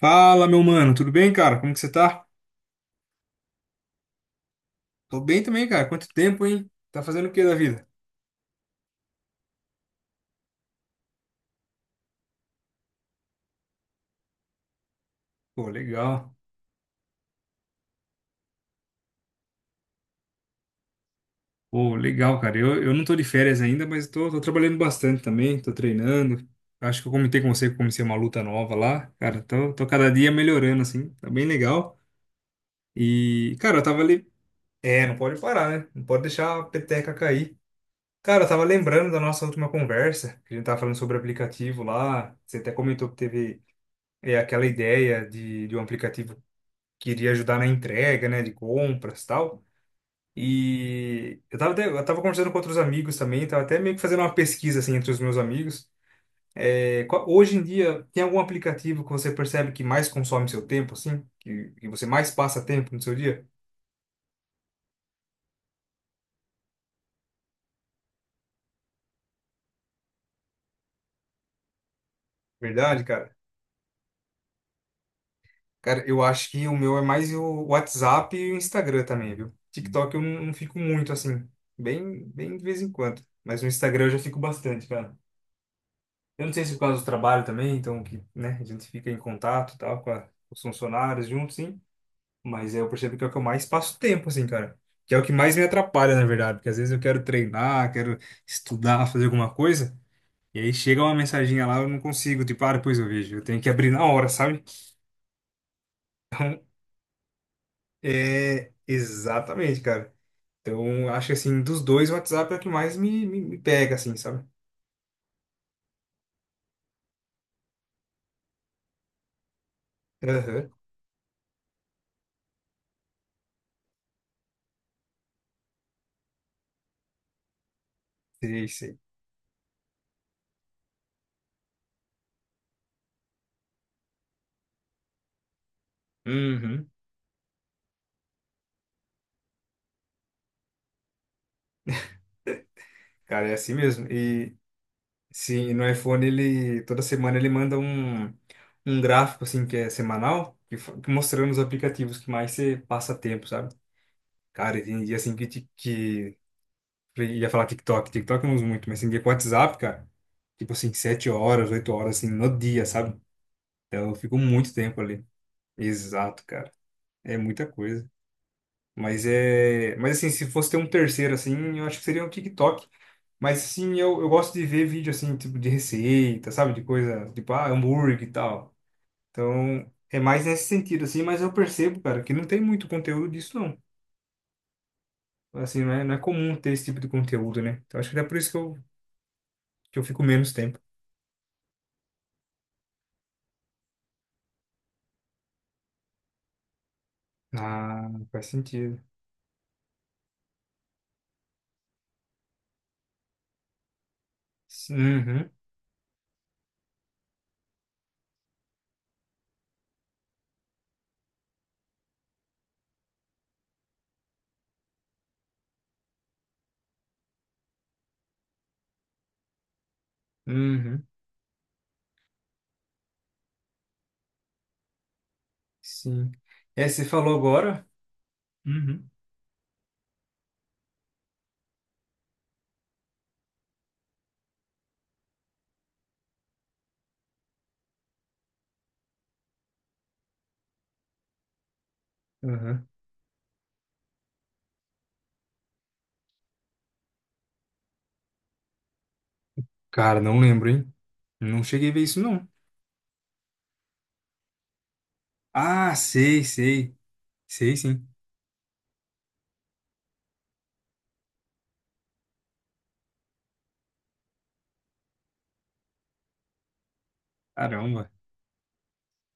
Fala, meu mano, tudo bem, cara? Como que você tá? Tô bem também, cara. Quanto tempo, hein? Tá fazendo o que da vida? Pô, legal. Pô, legal, cara. Eu não tô de férias ainda, mas tô trabalhando bastante também, tô treinando. Acho que eu comentei com você que eu comecei uma luta nova lá. Cara, tô cada dia melhorando, assim. Tá bem legal. E, cara, eu tava ali. É, não pode parar, né? Não pode deixar a peteca cair. Cara, eu tava lembrando da nossa última conversa, que a gente tava falando sobre aplicativo lá. Você até comentou que teve é aquela ideia de um aplicativo queria ajudar na entrega, né, de compras e tal. E eu tava conversando com outros amigos também, tava até meio que fazendo uma pesquisa, assim, entre os meus amigos. É, hoje em dia, tem algum aplicativo que você percebe que mais consome seu tempo, assim? Que você mais passa tempo no seu dia? Verdade, cara? Cara, eu acho que o meu é mais o WhatsApp e o Instagram também, viu? TikTok eu não fico muito, assim, bem, bem de vez em quando. Mas no Instagram eu já fico bastante, cara. Eu não sei se é por causa do trabalho também, então que, né, a gente fica em contato, e tal, com com os funcionários juntos, sim. Mas eu percebo que é o que eu mais passo tempo, assim, cara. Que é o que mais me atrapalha, na verdade, porque às vezes eu quero treinar, quero estudar, fazer alguma coisa, e aí chega uma mensaginha lá, eu não consigo, tipo, ah, depois eu vejo. Eu tenho que abrir na hora, sabe? Então, é exatamente, cara. Então, acho que assim, dos dois, o WhatsApp é o que mais me pega, assim, sabe? Aham, sei, sei. Uhum. Cara, é assim mesmo. E sim, no iPhone ele toda semana ele manda um, um gráfico assim que é semanal, que mostrando os aplicativos que mais você passa tempo, sabe? Cara, e tem dia assim que eu ia falar TikTok, TikTok eu não uso muito, mas tem dia com WhatsApp, cara, tipo assim, 7 horas, 8 horas assim no dia, sabe? Então eu fico muito tempo ali. Exato, cara. É muita coisa. Mas é, mas assim, se fosse ter um terceiro assim, eu acho que seria o TikTok. Mas sim, eu gosto de ver vídeo assim, tipo de receita, sabe? De coisa, tipo, ah, hambúrguer e tal. Então, é mais nesse sentido, assim, mas eu percebo, cara, que não tem muito conteúdo disso, não. Assim, não é comum ter esse tipo de conteúdo, né? Então, acho que é por isso que eu fico menos tempo. Ah, faz sentido. Uhum, uhum, sim. É, você falou agora? Uhum, uhum. Cara, não lembro, hein? Não cheguei a ver isso, não. Ah, sei, sei. Sei, sim. Caramba.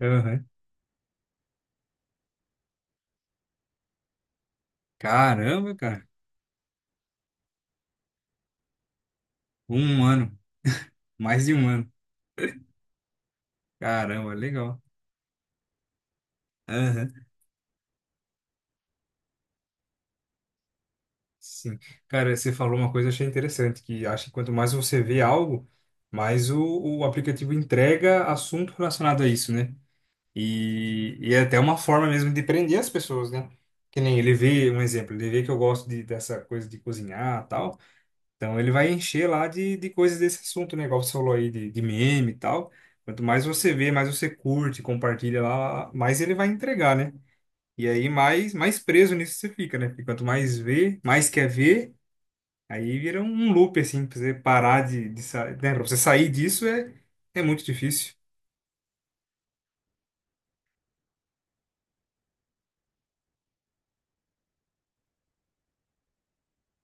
Aham. Caramba, cara. Um ano, mais de um ano. Caramba, legal. Aham, sim. Cara, você falou uma coisa que eu achei interessante, que acho que quanto mais você vê algo, mais o aplicativo entrega assunto relacionado a isso, né? E é até uma forma mesmo de prender as pessoas, né? Que nem ele vê, um exemplo, ele vê que eu gosto dessa coisa de cozinhar e tal, então ele vai encher lá de coisas desse assunto, né? Igual você falou aí de meme e tal. Quanto mais você vê, mais você curte, compartilha lá, mais ele vai entregar, né? E aí mais preso nisso você fica, né? Porque quanto mais vê, mais quer ver, aí vira um loop, assim, pra você parar de sair. Né? Pra você sair disso é muito difícil.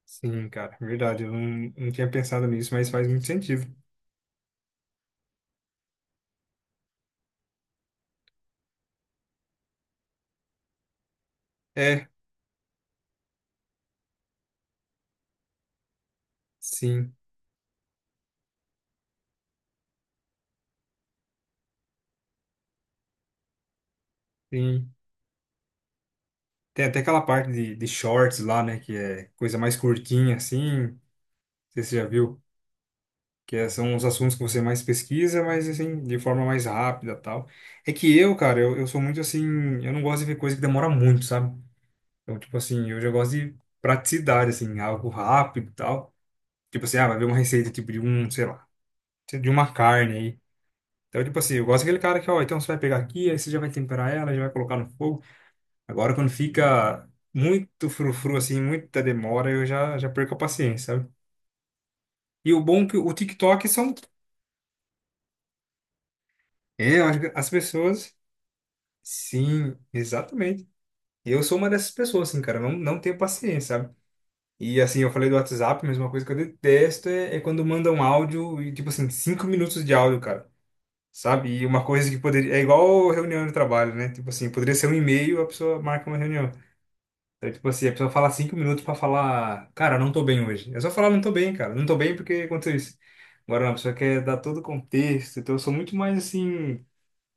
Sim, cara, verdade. Eu não tinha pensado nisso, mas faz muito sentido. É, sim, sim. Tem até aquela parte de shorts lá, né? Que é coisa mais curtinha, assim. Não sei se você já viu. São os assuntos que você mais pesquisa, mas assim, de forma mais rápida e tal. É que eu, cara, eu sou muito assim. Eu não gosto de ver coisa que demora muito, sabe? Então, tipo assim, eu já gosto de praticidade, assim, algo rápido e tal. Tipo assim, ah, vai ver uma receita, tipo, de um, sei lá, de uma carne aí. Então, tipo assim, eu gosto daquele cara que, ó, então você vai pegar aqui, aí você já vai temperar ela, já vai colocar no fogo. Agora, quando fica muito frufru, assim, muita demora, eu já perco a paciência, sabe? E o bom é que o TikTok são... É, eu acho que as pessoas... Sim, exatamente. Eu sou uma dessas pessoas, assim, cara, não tenho paciência, sabe? E assim, eu falei do WhatsApp, mas uma coisa que eu detesto é quando mandam áudio e, tipo assim, 5 minutos de áudio, cara. Sabe? E uma coisa que poderia. É igual reunião de trabalho, né? Tipo assim, poderia ser um e-mail, a pessoa marca uma reunião. Então, tipo assim, a pessoa fala 5 minutos pra falar, cara, não tô bem hoje. É só falar, não tô bem, cara. Não tô bem porque aconteceu isso. Agora, não, a pessoa quer dar todo o contexto. Então, eu sou muito mais assim,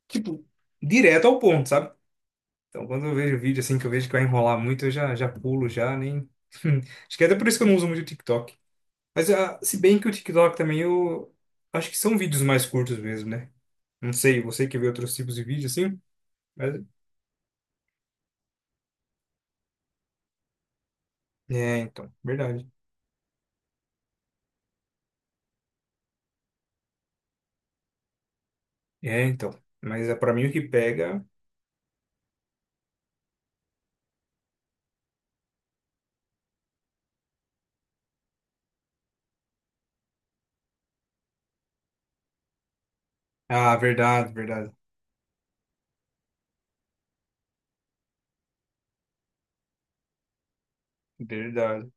tipo, direto ao ponto, sabe? Então, quando eu vejo vídeo assim, que eu vejo que vai enrolar muito, eu já pulo, já nem. Acho que é até por isso que eu não uso muito o TikTok. Mas ah, se bem que o TikTok também eu acho que são vídeos mais curtos mesmo, né? Não sei, você que vê outros tipos de vídeo assim, mas é, então, verdade. É, então, mas é para mim o que pega. Ah, verdade, verdade, verdade.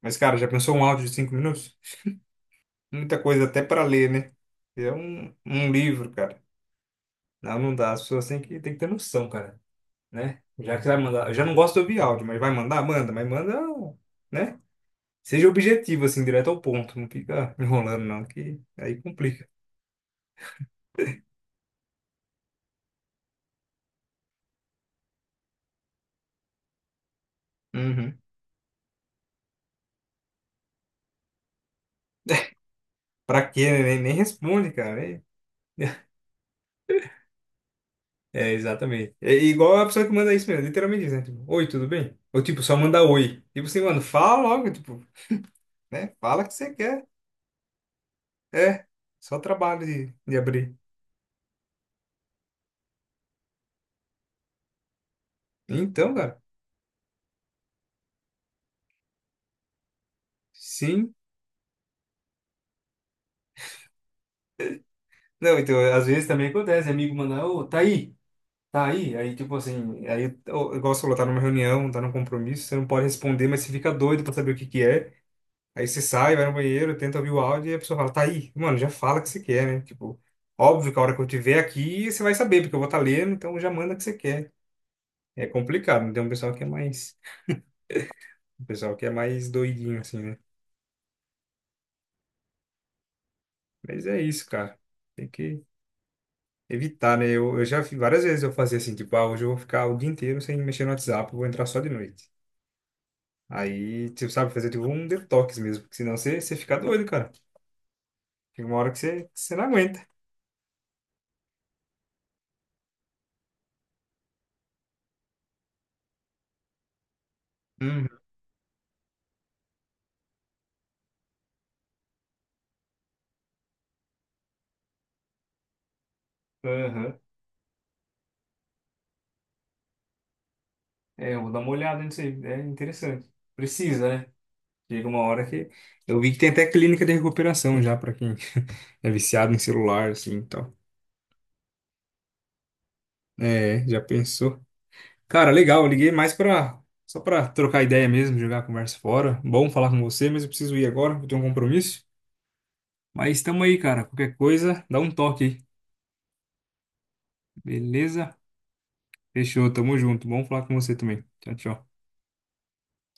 Mas cara, já pensou um áudio de 5 minutos? Muita coisa até para ler, né? É um livro, cara. Não, não dá. As pessoas têm que ter noção, cara, né? Já que vai mandar, eu já não gosto de ouvir áudio, mas vai mandar, manda, mas manda, né? Seja objetivo, assim, direto ao ponto. Não fica enrolando, não, que aí complica. Uhum. Pra quê? Né? Nem responde, cara. É, é, exatamente. É igual a pessoa que manda isso mesmo, literalmente isso, né? Tipo, oi, tudo bem? Ou tipo, só manda oi. Tipo assim, mano, fala logo, tipo, né? Fala o que você quer. É, só trabalho de abrir. Então, cara, sim. Não, então, às vezes também acontece, amigo manda, ô, tá aí, tá aí. Aí, tipo assim, aí, ô, igual você falou, tá numa reunião, tá num compromisso, você não pode responder, mas você fica doido pra saber o que que é. Aí você sai, vai no banheiro, tenta ouvir o áudio e a pessoa fala, tá aí, mano, já fala o que você quer, né? Tipo, óbvio que a hora que eu tiver aqui, você vai saber, porque eu vou estar lendo, então já manda o que você quer. É complicado, né? Tem um pessoal que é mais, um pessoal que é mais doidinho, assim, né? Mas é isso, cara. Tem que evitar, né? Eu já fiz várias vezes eu fazia assim, tipo, ah, hoje eu vou ficar o dia inteiro sem mexer no WhatsApp, eu vou entrar só de noite. Aí, tipo, sabe, fazer tipo um detox mesmo, porque senão você fica doido, cara. Tem uma hora que você não aguenta. Uhum, uhum. É, eu vou dar uma olhada nisso aí. É interessante. Precisa, né? Chega uma hora que. Eu vi que tem até clínica de recuperação já pra quem é viciado em celular, assim e tal. É, já pensou. Cara, legal, eu liguei mais pra. Só pra trocar ideia mesmo, jogar a conversa fora. Bom falar com você, mas eu preciso ir agora, eu tenho um compromisso. Mas tamo aí, cara. Qualquer coisa, dá um toque aí. Beleza? Fechou, tamo junto. Bom falar com você também. Tchau, tchau.